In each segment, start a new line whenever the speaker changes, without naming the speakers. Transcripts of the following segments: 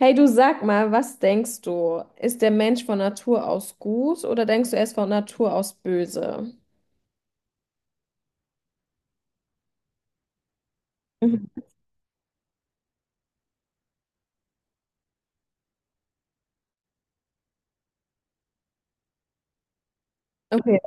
Hey, du sag mal, was denkst du? Ist der Mensch von Natur aus gut oder denkst du, er ist von Natur aus böse? Mhm. Okay.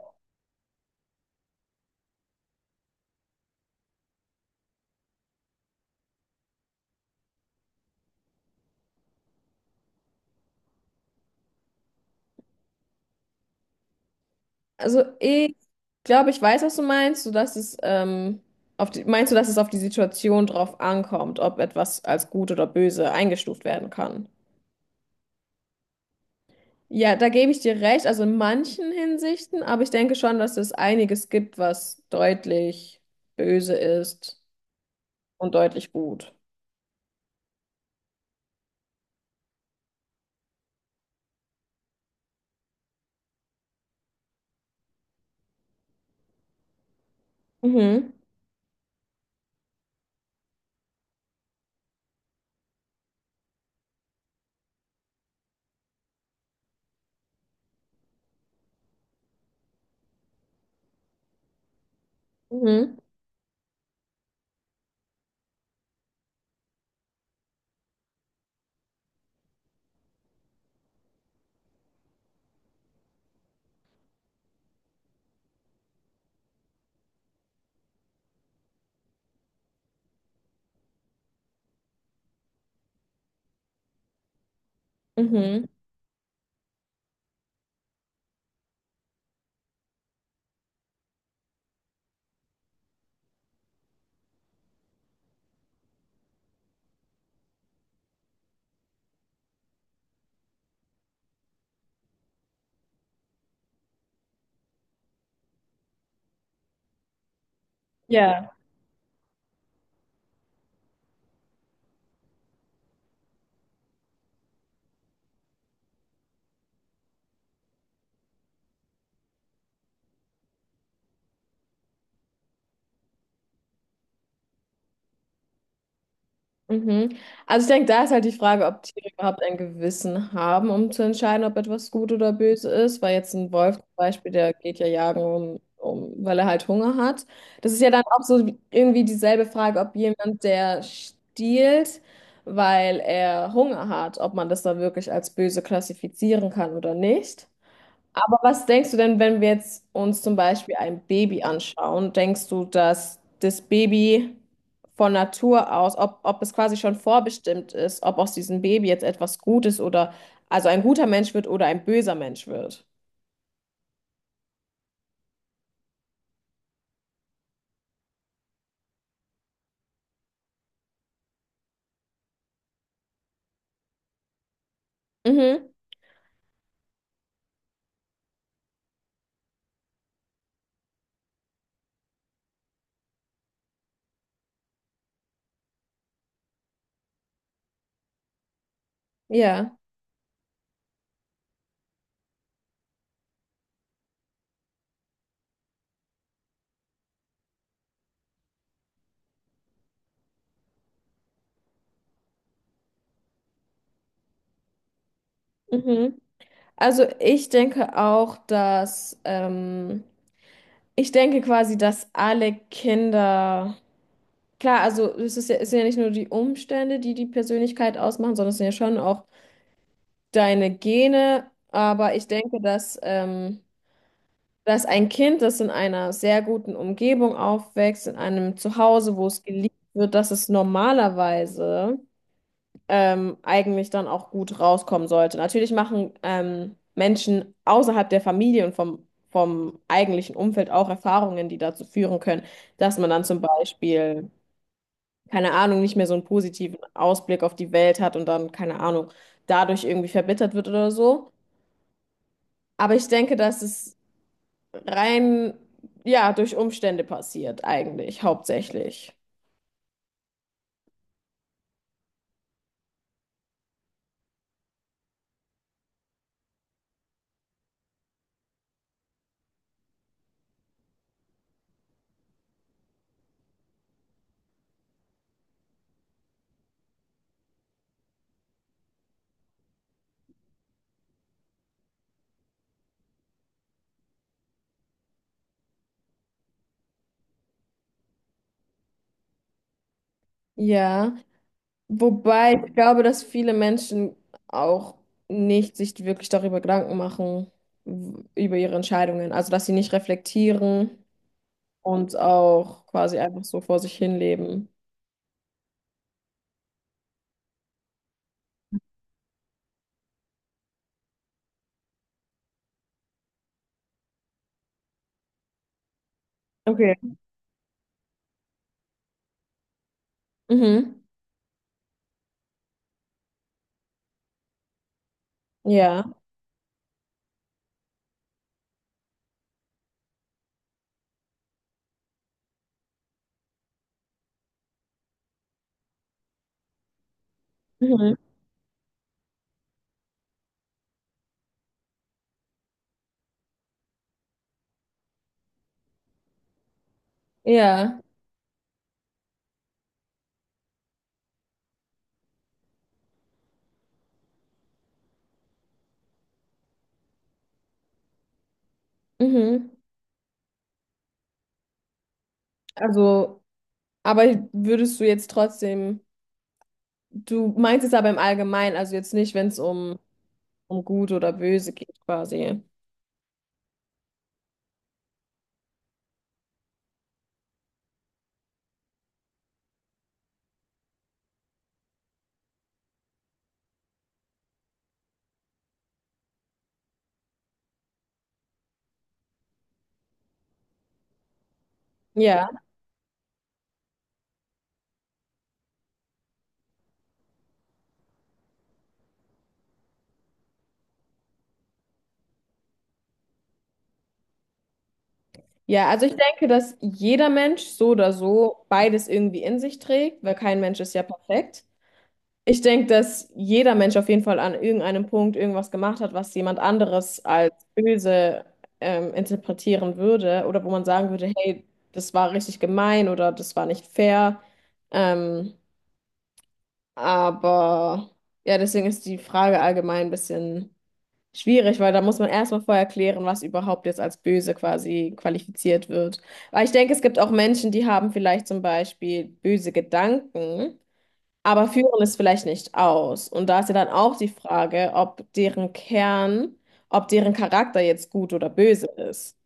Also ich glaube, ich weiß, was du meinst. So dass es auf die, meinst du, dass es auf die Situation drauf ankommt, ob etwas als gut oder böse eingestuft werden kann? Ja, da gebe ich dir recht. Also in manchen Hinsichten, aber ich denke schon, dass es einiges gibt, was deutlich böse ist und deutlich gut. Mhm. Mhm. Mhm. Ja. Mhm. Also ich denke, da ist halt die Frage, ob Tiere überhaupt ein Gewissen haben, um zu entscheiden, ob etwas gut oder böse ist. Weil jetzt ein Wolf zum Beispiel, der geht ja jagen, weil er halt Hunger hat. Das ist ja dann auch so wie- irgendwie dieselbe Frage, ob jemand, der stiehlt, weil er Hunger hat, ob man das dann wirklich als böse klassifizieren kann oder nicht. Aber was denkst du denn, wenn wir jetzt uns zum Beispiel ein Baby anschauen? Denkst du, dass das Baby von Natur aus, ob es quasi schon vorbestimmt ist, ob aus diesem Baby jetzt etwas Gutes oder also ein guter Mensch wird oder ein böser Mensch wird? Mhm. Ja. Mhm. Also ich denke auch, dass ich denke quasi, dass alle Kinder klar, also es ist ja, es sind ja nicht nur die Umstände, die die Persönlichkeit ausmachen, sondern es sind ja schon auch deine Gene, aber ich denke, dass ein Kind, das in einer sehr guten Umgebung aufwächst, in einem Zuhause, wo es geliebt wird, dass es normalerweise eigentlich dann auch gut rauskommen sollte. Natürlich machen Menschen außerhalb der Familie und vom eigentlichen Umfeld auch Erfahrungen, die dazu führen können, dass man dann zum Beispiel, keine Ahnung, nicht mehr so einen positiven Ausblick auf die Welt hat und dann, keine Ahnung, dadurch irgendwie verbittert wird oder so. Aber ich denke, dass es rein, ja, durch Umstände passiert, eigentlich, hauptsächlich. Ja, wobei ich glaube, dass viele Menschen auch nicht sich wirklich darüber Gedanken machen, w- über ihre Entscheidungen. Also, dass sie nicht reflektieren und auch quasi einfach so vor sich hin leben. Okay. Mhm. Ja. Mhm. Ja. Mhm. Also, aber würdest du jetzt trotzdem, du meinst es aber im Allgemeinen, also jetzt nicht, wenn es um gut oder böse geht quasi. Ja, ja, also ich denke, dass jeder Mensch so oder so beides irgendwie in sich trägt, weil kein Mensch ist ja perfekt. Ich denke, dass jeder Mensch auf jeden Fall an irgendeinem Punkt irgendwas gemacht hat, was jemand anderes als böse interpretieren würde oder wo man sagen würde, hey, das war richtig gemein oder das war nicht fair. Ähm, aber ja, deswegen ist die Frage allgemein ein bisschen schwierig, weil da muss man erstmal vorher klären, was überhaupt jetzt als böse quasi qualifiziert wird. Weil ich denke, es gibt auch Menschen, die haben vielleicht zum Beispiel böse Gedanken, aber führen es vielleicht nicht aus. Und da ist ja dann auch die Frage, ob deren Kern, ob deren Charakter jetzt gut oder böse ist.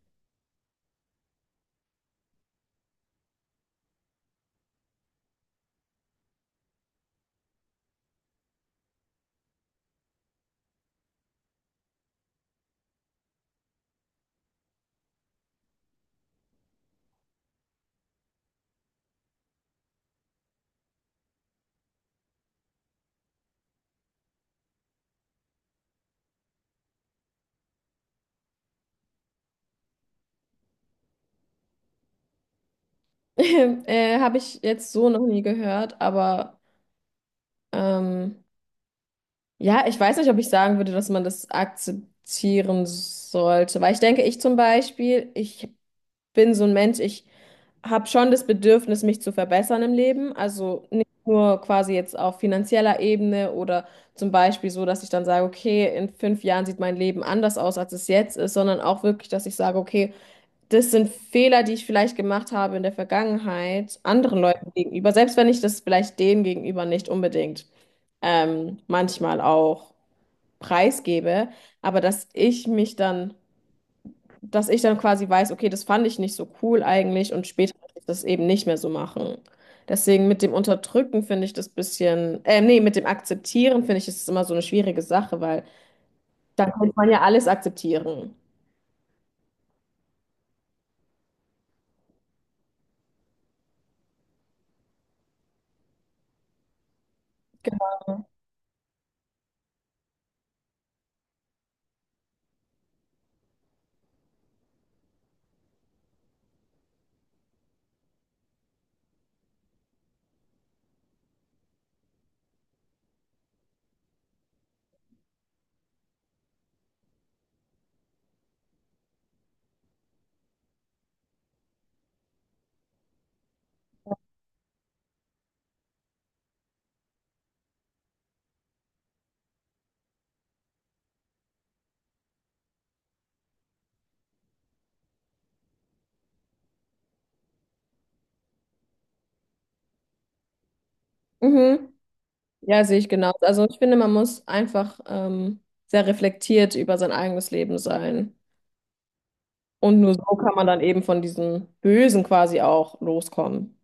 Habe ich jetzt so noch nie gehört, aber ähm, ja, ich weiß nicht, ob ich sagen würde, dass man das akzeptieren sollte. Weil ich denke, ich zum Beispiel, ich bin so ein Mensch, ich habe schon das Bedürfnis, mich zu verbessern im Leben. Also nicht nur quasi jetzt auf finanzieller Ebene oder zum Beispiel so, dass ich dann sage, okay, in 5 Jahren sieht mein Leben anders aus, als es jetzt ist, sondern auch wirklich, dass ich sage, okay, das sind Fehler, die ich vielleicht gemacht habe in der Vergangenheit, anderen Leuten gegenüber, selbst wenn ich das vielleicht denen gegenüber nicht unbedingt manchmal auch preisgebe, aber dass ich mich dann dass ich dann quasi weiß, okay, das fand ich nicht so cool eigentlich und später möchte ich das eben nicht mehr so machen. Deswegen mit dem Unterdrücken finde ich das bisschen, nee, mit dem Akzeptieren finde ich, ist es immer so eine schwierige Sache, weil dann könnte man ja alles akzeptieren. Mhm. Ja, sehe ich genau. Also ich finde, man muss einfach sehr reflektiert über sein eigenes Leben sein. Und nur so kann man dann eben von diesem Bösen quasi auch loskommen.